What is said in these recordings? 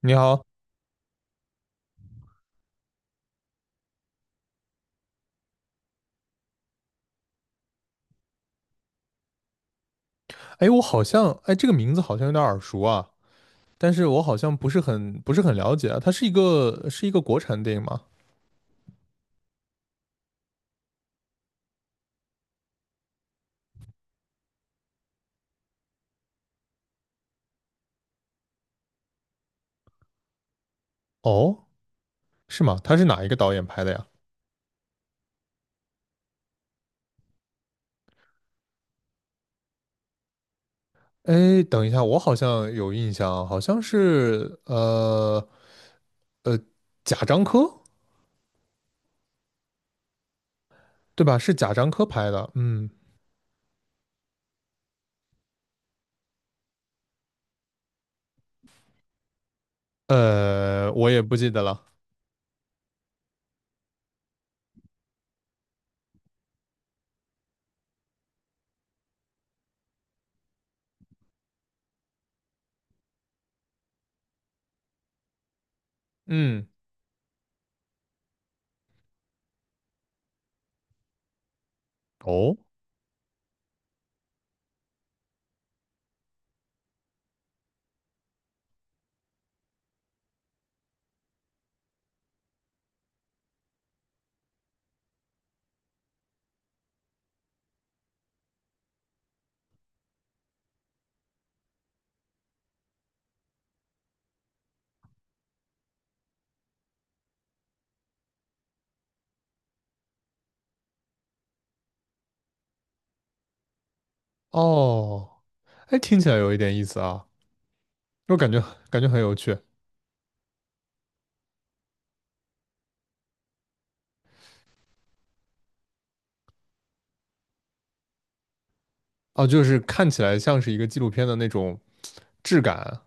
你好，哎，我好像，哎，这个名字好像有点耳熟啊，但是我好像不是很了解啊。它是一个国产电影吗？哦，是吗？它是哪一个导演拍的呀？哎，等一下，我好像有印象啊，好像是呃贾樟柯，对吧？是贾樟柯拍的，嗯，我也不记得了，嗯，哦哦，哎，听起来有一点意思啊，我感觉很有趣。哦，就是看起来像是一个纪录片的那种质感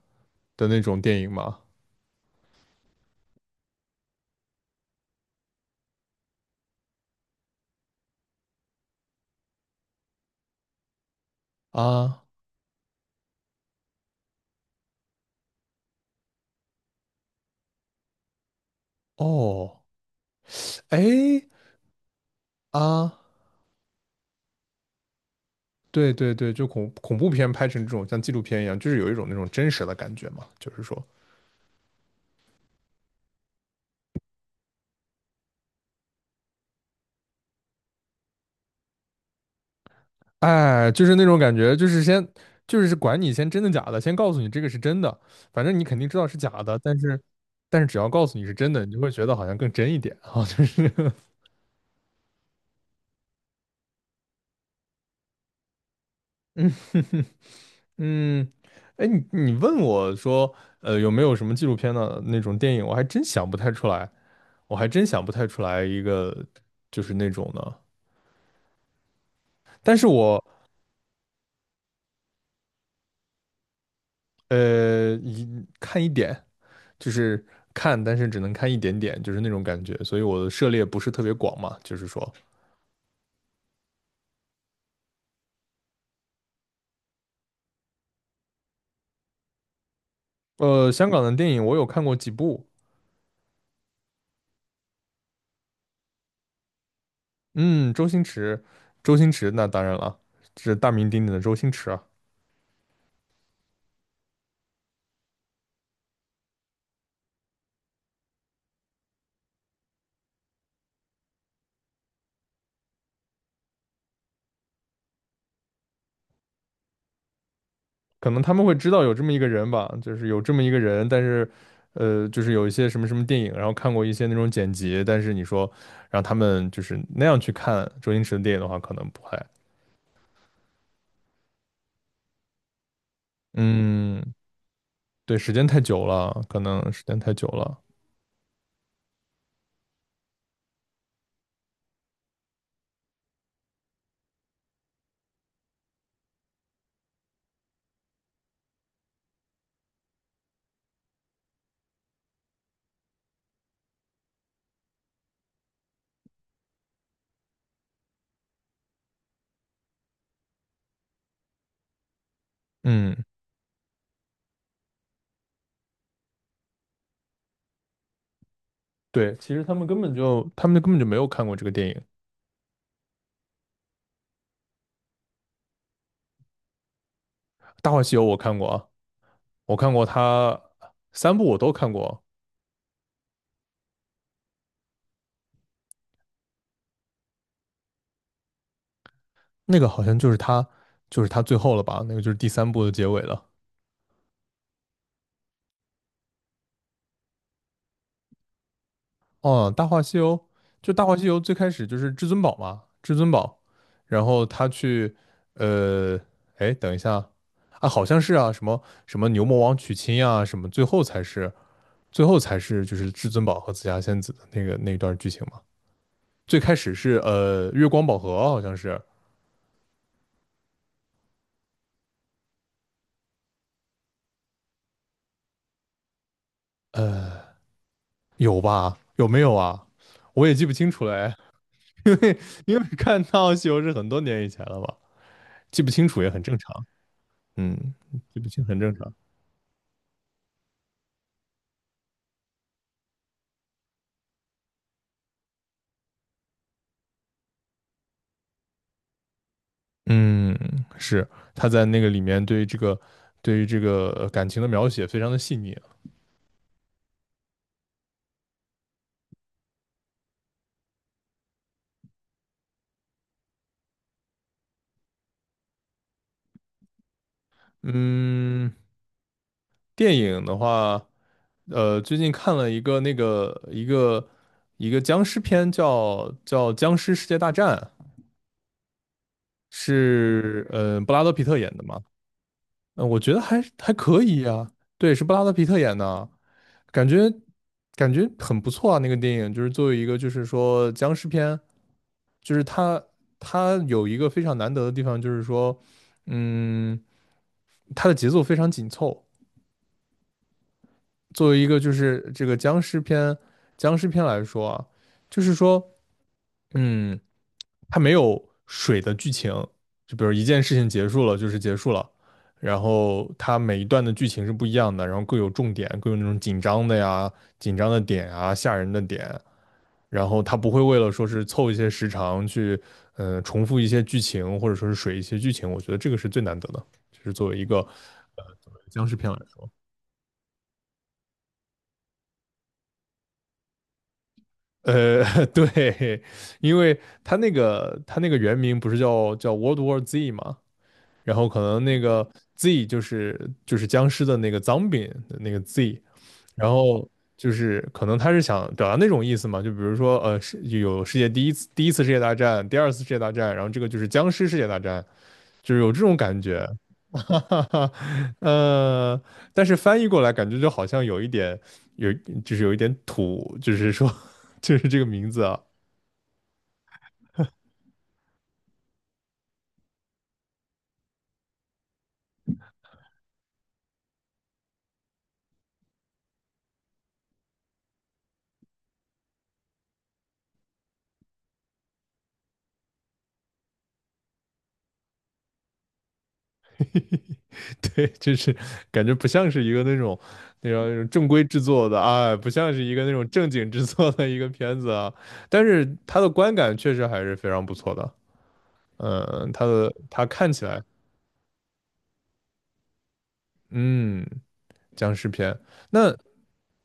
的那种电影吗？啊，哦，哎，啊，对对对，就恐怖片拍成这种像纪录片一样，就是有一种那种真实的感觉嘛，就是说，哎，就是那种感觉，就是先就是管你先真的假的，先告诉你这个是真的，反正你肯定知道是假的，但是只要告诉你是真的，你就会觉得好像更真一点啊，就是 嗯。哎，你问我说，有没有什么纪录片的那种电影，我还真想不太出来。我还真想不太出来一个就是那种的，但是我一看一点，就是看，但是只能看一点点，就是那种感觉，所以我的涉猎不是特别广嘛，就是说，香港的电影我有看过几部，嗯，周星驰，周星驰那当然了，是大名鼎鼎的周星驰，啊。可能他们会知道有这么一个人吧，就是有这么一个人，但是，就是有一些什么什么电影，然后看过一些那种剪辑，但是你说让他们就是那样去看周星驰的电影的话，可能不会。嗯，对，时间太久了，可能时间太久了。嗯，对，其实他们根本就没有看过这个电影，《大话西游》我看过啊，我看过他三部我都看过，那个好像就是他最后了吧，那个就是第三部的结尾了。哦，《大话西游》最开始就是至尊宝嘛，至尊宝，然后他去，呃，哎，等一下，啊，好像是啊，什么什么牛魔王娶亲呀、什么，最后才是就是至尊宝和紫霞仙子的那个那段剧情嘛。最开始是月光宝盒，好像是有吧？有没有啊？我也记不清楚了，哎，因为因为看《大话西游》是很多年以前了嘛，记不清楚也很正常，嗯，记不清很正常。嗯，是他在那个里面对于这个感情的描写非常的细腻啊。嗯，电影的话，最近看了一个那个一个一个僵尸片叫《僵尸世界大战》，是布拉德皮特演的嘛。嗯，我觉得还可以呀、对，是布拉德皮特演的，感觉感觉很不错啊。那个电影就是作为一个就是说僵尸片，就是它有一个非常难得的地方，就是说，嗯，它的节奏非常紧凑。作为一个就是这个僵尸片来说啊，就是说，嗯。它没有水的剧情，就比如一件事情结束了就是结束了，然后它每一段的剧情是不一样的，然后各有重点，各有那种紧张的呀、紧张的点啊、吓人的点，然后它不会为了说是凑一些时长去，重复一些剧情或者说是水一些剧情，我觉得这个是最难得的，就是作为僵尸片来说。对，因为它那个原名不是叫 World War Z 嘛，然后可能那个 Z 就是僵尸的那个 zombie 的那个 Z，然后就是可能他是想表达那种意思嘛，就比如说呃是有世界第一次世界大战，第二次世界大战，然后这个就是僵尸世界大战，就是有这种感觉，哈哈哈，呃，但是翻译过来感觉就好像有一点有就是有一点土，就是说 就是这个名字啊，对，就是感觉不像是一个那种正规制作的啊，不像是一个那种正经制作的一个片子啊。但是它的观感确实还是非常不错的。嗯，它看起来，嗯，僵尸片，那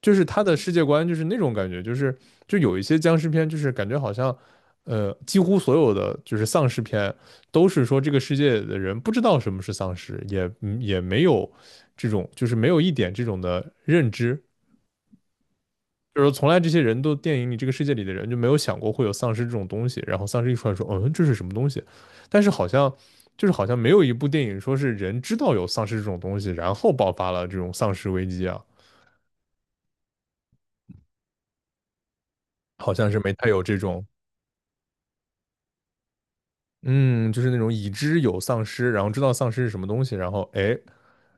就是它的世界观就是那种感觉，就是就有一些僵尸片，就是感觉好像，几乎所有的就是丧尸片都是说这个世界的人不知道什么是丧尸，也也没有这种就是没有一点这种的认知。就是从来这些人都电影里这个世界里的人就没有想过会有丧尸这种东西，然后丧尸一出来说，嗯，这是什么东西？但是好像就是好像没有一部电影说是人知道有丧尸这种东西，然后爆发了这种丧尸危机啊，好像是没太有这种，嗯，就是那种已知有丧尸，然后知道丧尸是什么东西，然后哎，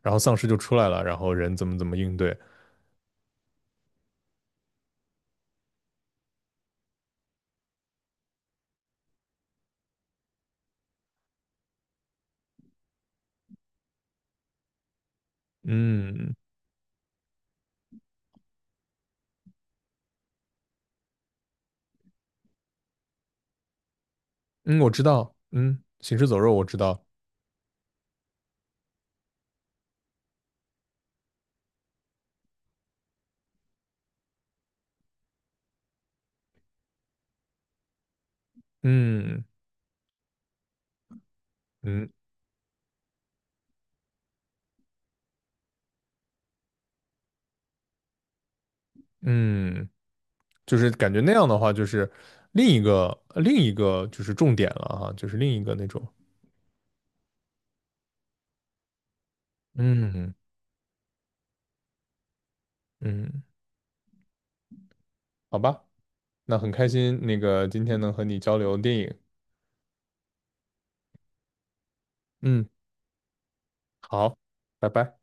然后丧尸就出来了，然后人怎么怎么应对，嗯嗯，我知道，嗯，行尸走肉我知道，嗯嗯嗯，就是感觉那样的话，就是另一个就是重点了哈，就是另一个那种，嗯嗯，好吧，那很开心，那个今天能和你交流电影，嗯，好，拜拜。